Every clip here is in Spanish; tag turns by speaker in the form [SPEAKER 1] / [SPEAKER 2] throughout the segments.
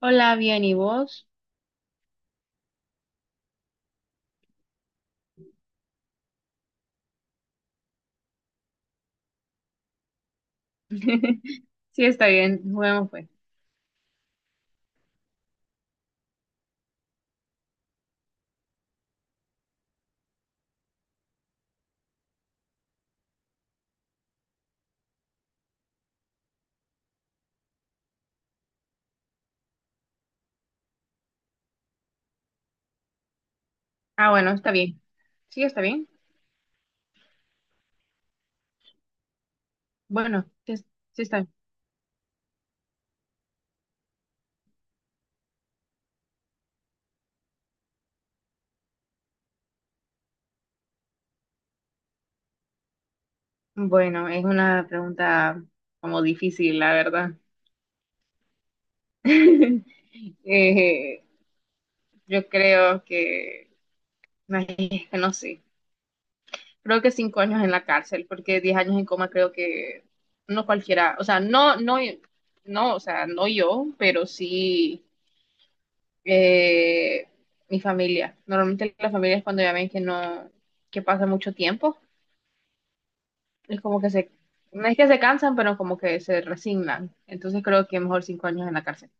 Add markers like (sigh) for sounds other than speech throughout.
[SPEAKER 1] Hola, bien, ¿y vos? (laughs) Sí, está bien, juguemos pues. Ah, bueno, está bien. Sí, está bien. Bueno, sí, sí está bien. Bueno, es una pregunta como difícil, la verdad. (laughs) Eh, yo creo que, ay, es que no sé, creo que 5 años en la cárcel, porque 10 años en coma creo que no cualquiera, o sea, no, no, no, o sea, no yo, pero sí. eh, mi familia. Normalmente las familias cuando ya ven que no, que pasa mucho tiempo, es como que se, no es que se cansan, pero como que se resignan. Entonces creo que mejor 5 años en la cárcel.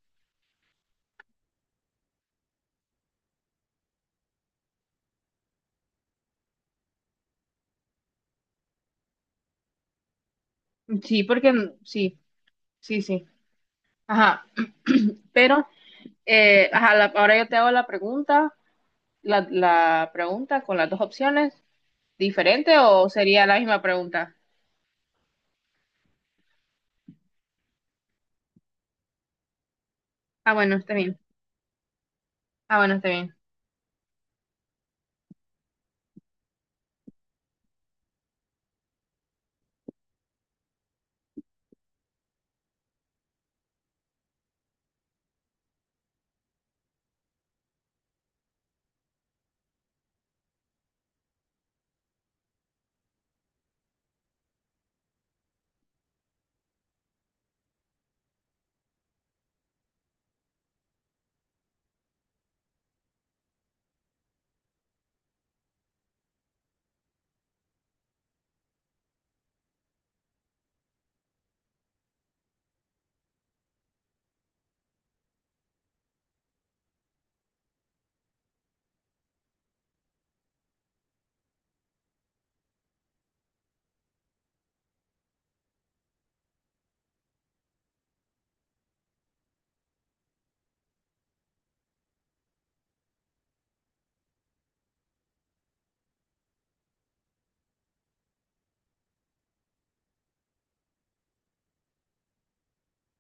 [SPEAKER 1] Sí, porque sí, sí, sí. Ajá, pero ajá, ahora yo te hago la pregunta, la pregunta con las dos opciones, ¿diferente o sería la misma pregunta? Ah, bueno, está bien. Ah, bueno, está bien.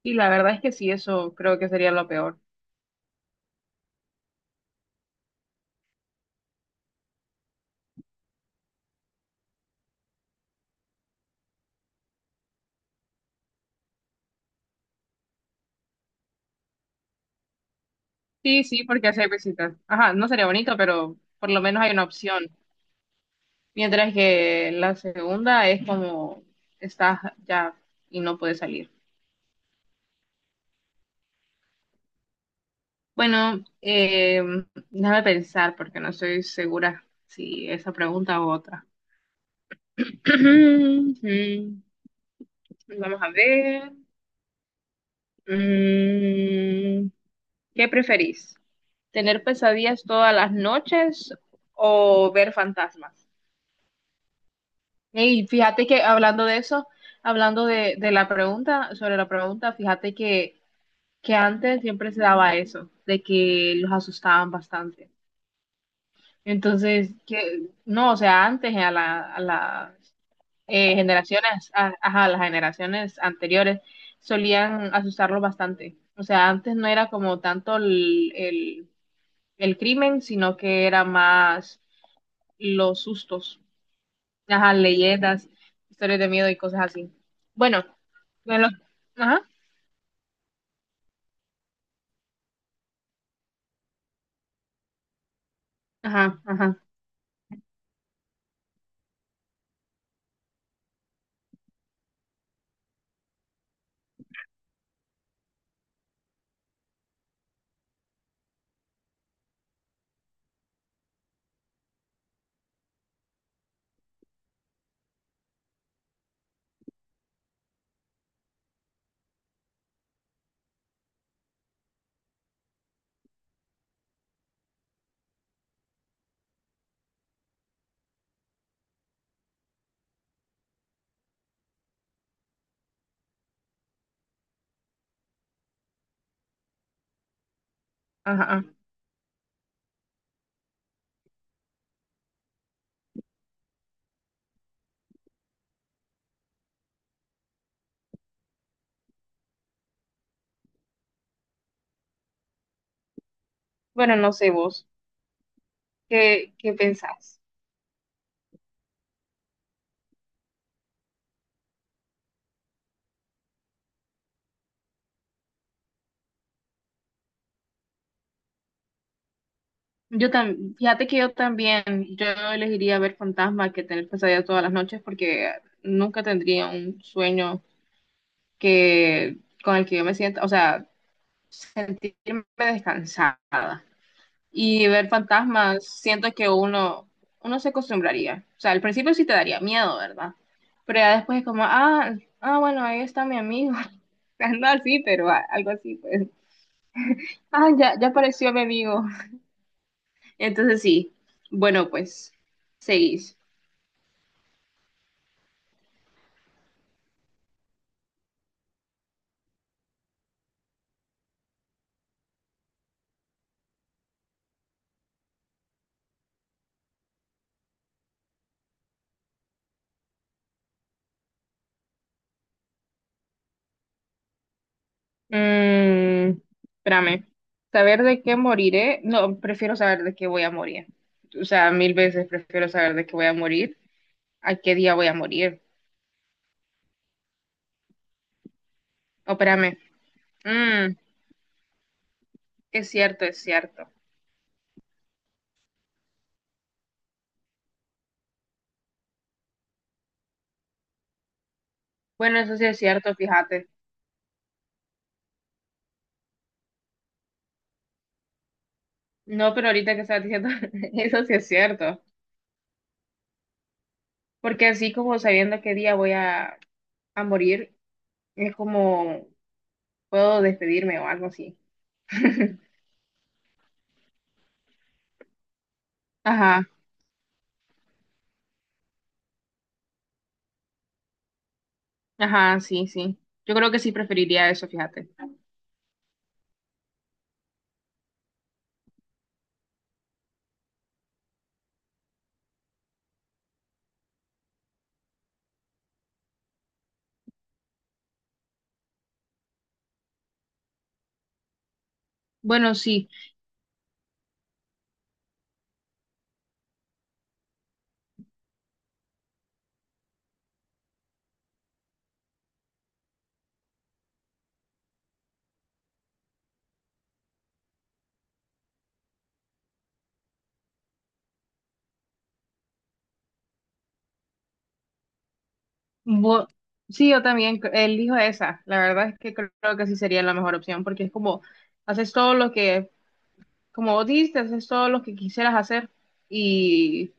[SPEAKER 1] Y la verdad es que sí, eso creo que sería lo peor. Sí, sí, porque hacer visitas. Ajá, no sería bonito, pero por lo menos hay una opción. Mientras que la segunda es como estás ya y no puedes salir. Bueno, déjame pensar porque no estoy segura si esa pregunta u otra. (clears throat) Vamos a ver. Mm, ¿Qué preferís? ¿Tener pesadillas todas las noches o ver fantasmas? Y fíjate que hablando de eso, hablando de la pregunta, sobre la pregunta, fíjate que antes siempre se daba eso, de que los asustaban bastante. Entonces, que, no, o sea, antes a la, a las generaciones, a, ajá, a las generaciones anteriores solían asustarlos bastante. O sea, antes no era como tanto el crimen, sino que era más los sustos, ajá, leyendas, historias de miedo y cosas así. Bueno, bueno, ajá, ajá, ajá, ajá. Ajá. Bueno, no sé vos, ¿qué pensás? Yo también, fíjate que yo también, yo elegiría ver fantasmas que tener pesadillas todas las noches porque nunca tendría un sueño que con el que yo me sienta, o sea, sentirme descansada. Y ver fantasmas, siento que uno se acostumbraría. O sea, al principio sí te daría miedo, ¿verdad? Pero ya después es como, ah, bueno, ahí está mi amigo. (laughs) No, sí, pero algo así, pues. Ah, ya, ya apareció mi amigo. Entonces sí. Bueno, pues, seguís. Mm, espérame. ¿Saber de qué moriré? No, prefiero saber de qué voy a morir. O sea, mil veces prefiero saber de qué voy a morir, a qué día voy a morir. Oh, espérame. Mm, es cierto, es cierto. Bueno, eso sí es cierto, fíjate. No, pero ahorita que estás diciendo, (laughs) eso sí es cierto. Porque así como sabiendo qué día voy a morir, es como puedo despedirme o algo así. Ajá. Ajá, sí, sí. Yo creo que sí preferiría eso, fíjate. Bueno, sí. Bo- sí, yo también elijo esa. La verdad es que creo que sí sería la mejor opción porque es como haces todo lo que, como vos dijiste, haces todo lo que quisieras hacer y,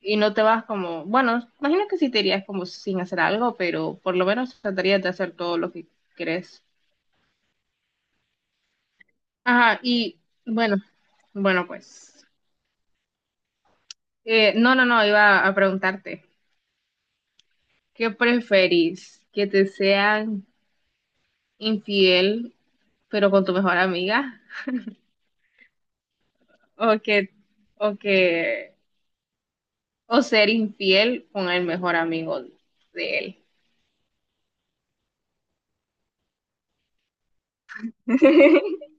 [SPEAKER 1] y no te vas como, bueno, imagino que sí te irías como sin hacer algo, pero por lo menos tratarías de hacer todo lo que querés. Ajá, y bueno, bueno, pues. No, no, no, iba a preguntarte. ¿Qué preferís? ¿Que te sean infiel, pero con tu mejor amiga, o o que, o ser infiel con el mejor amigo de él, (laughs)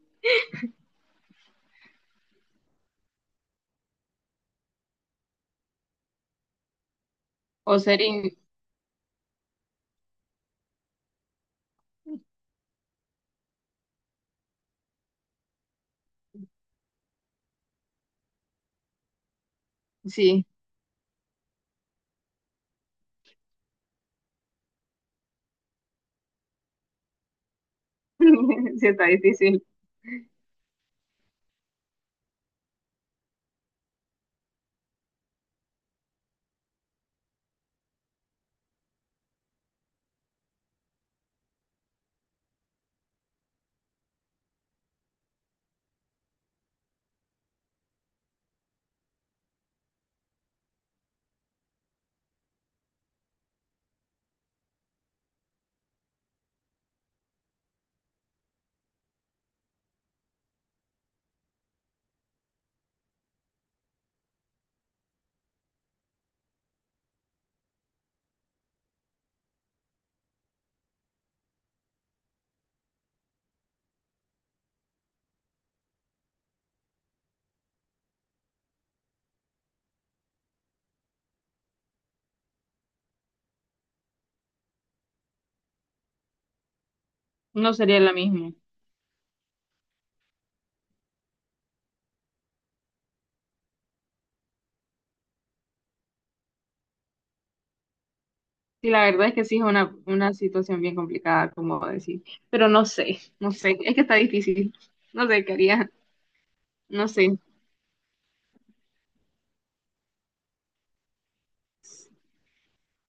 [SPEAKER 1] o ser in- sí, (laughs) sí está difícil, no sería la misma. Sí, la verdad es que sí es una situación bien complicada, como decir, pero no sé, no sé, es que está difícil, no sé qué haría, no sé,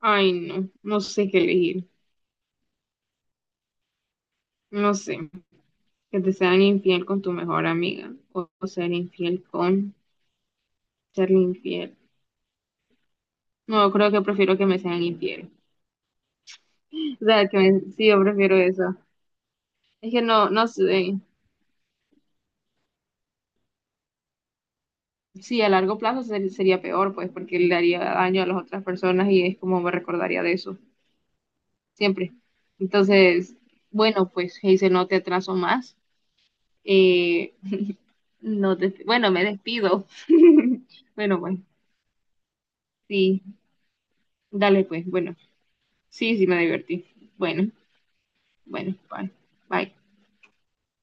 [SPEAKER 1] ay no, no sé qué elegir, no sé, que te sean infiel con tu mejor amiga, o ser infiel con serle infiel. No, creo que prefiero que me sean infiel. O sea, que me, sí, yo prefiero eso. Es que no, no sé. Sí, a largo plazo sería peor, pues, porque le daría daño a las otras personas y es como me recordaría de eso, siempre. Entonces, bueno, pues, dice, no te atraso más. Eh, no te, Bueno, me despido. (laughs) Bueno, pues, sí, dale, pues, bueno. Sí, sí, me divertí. Bueno, bueno, bye. Bye.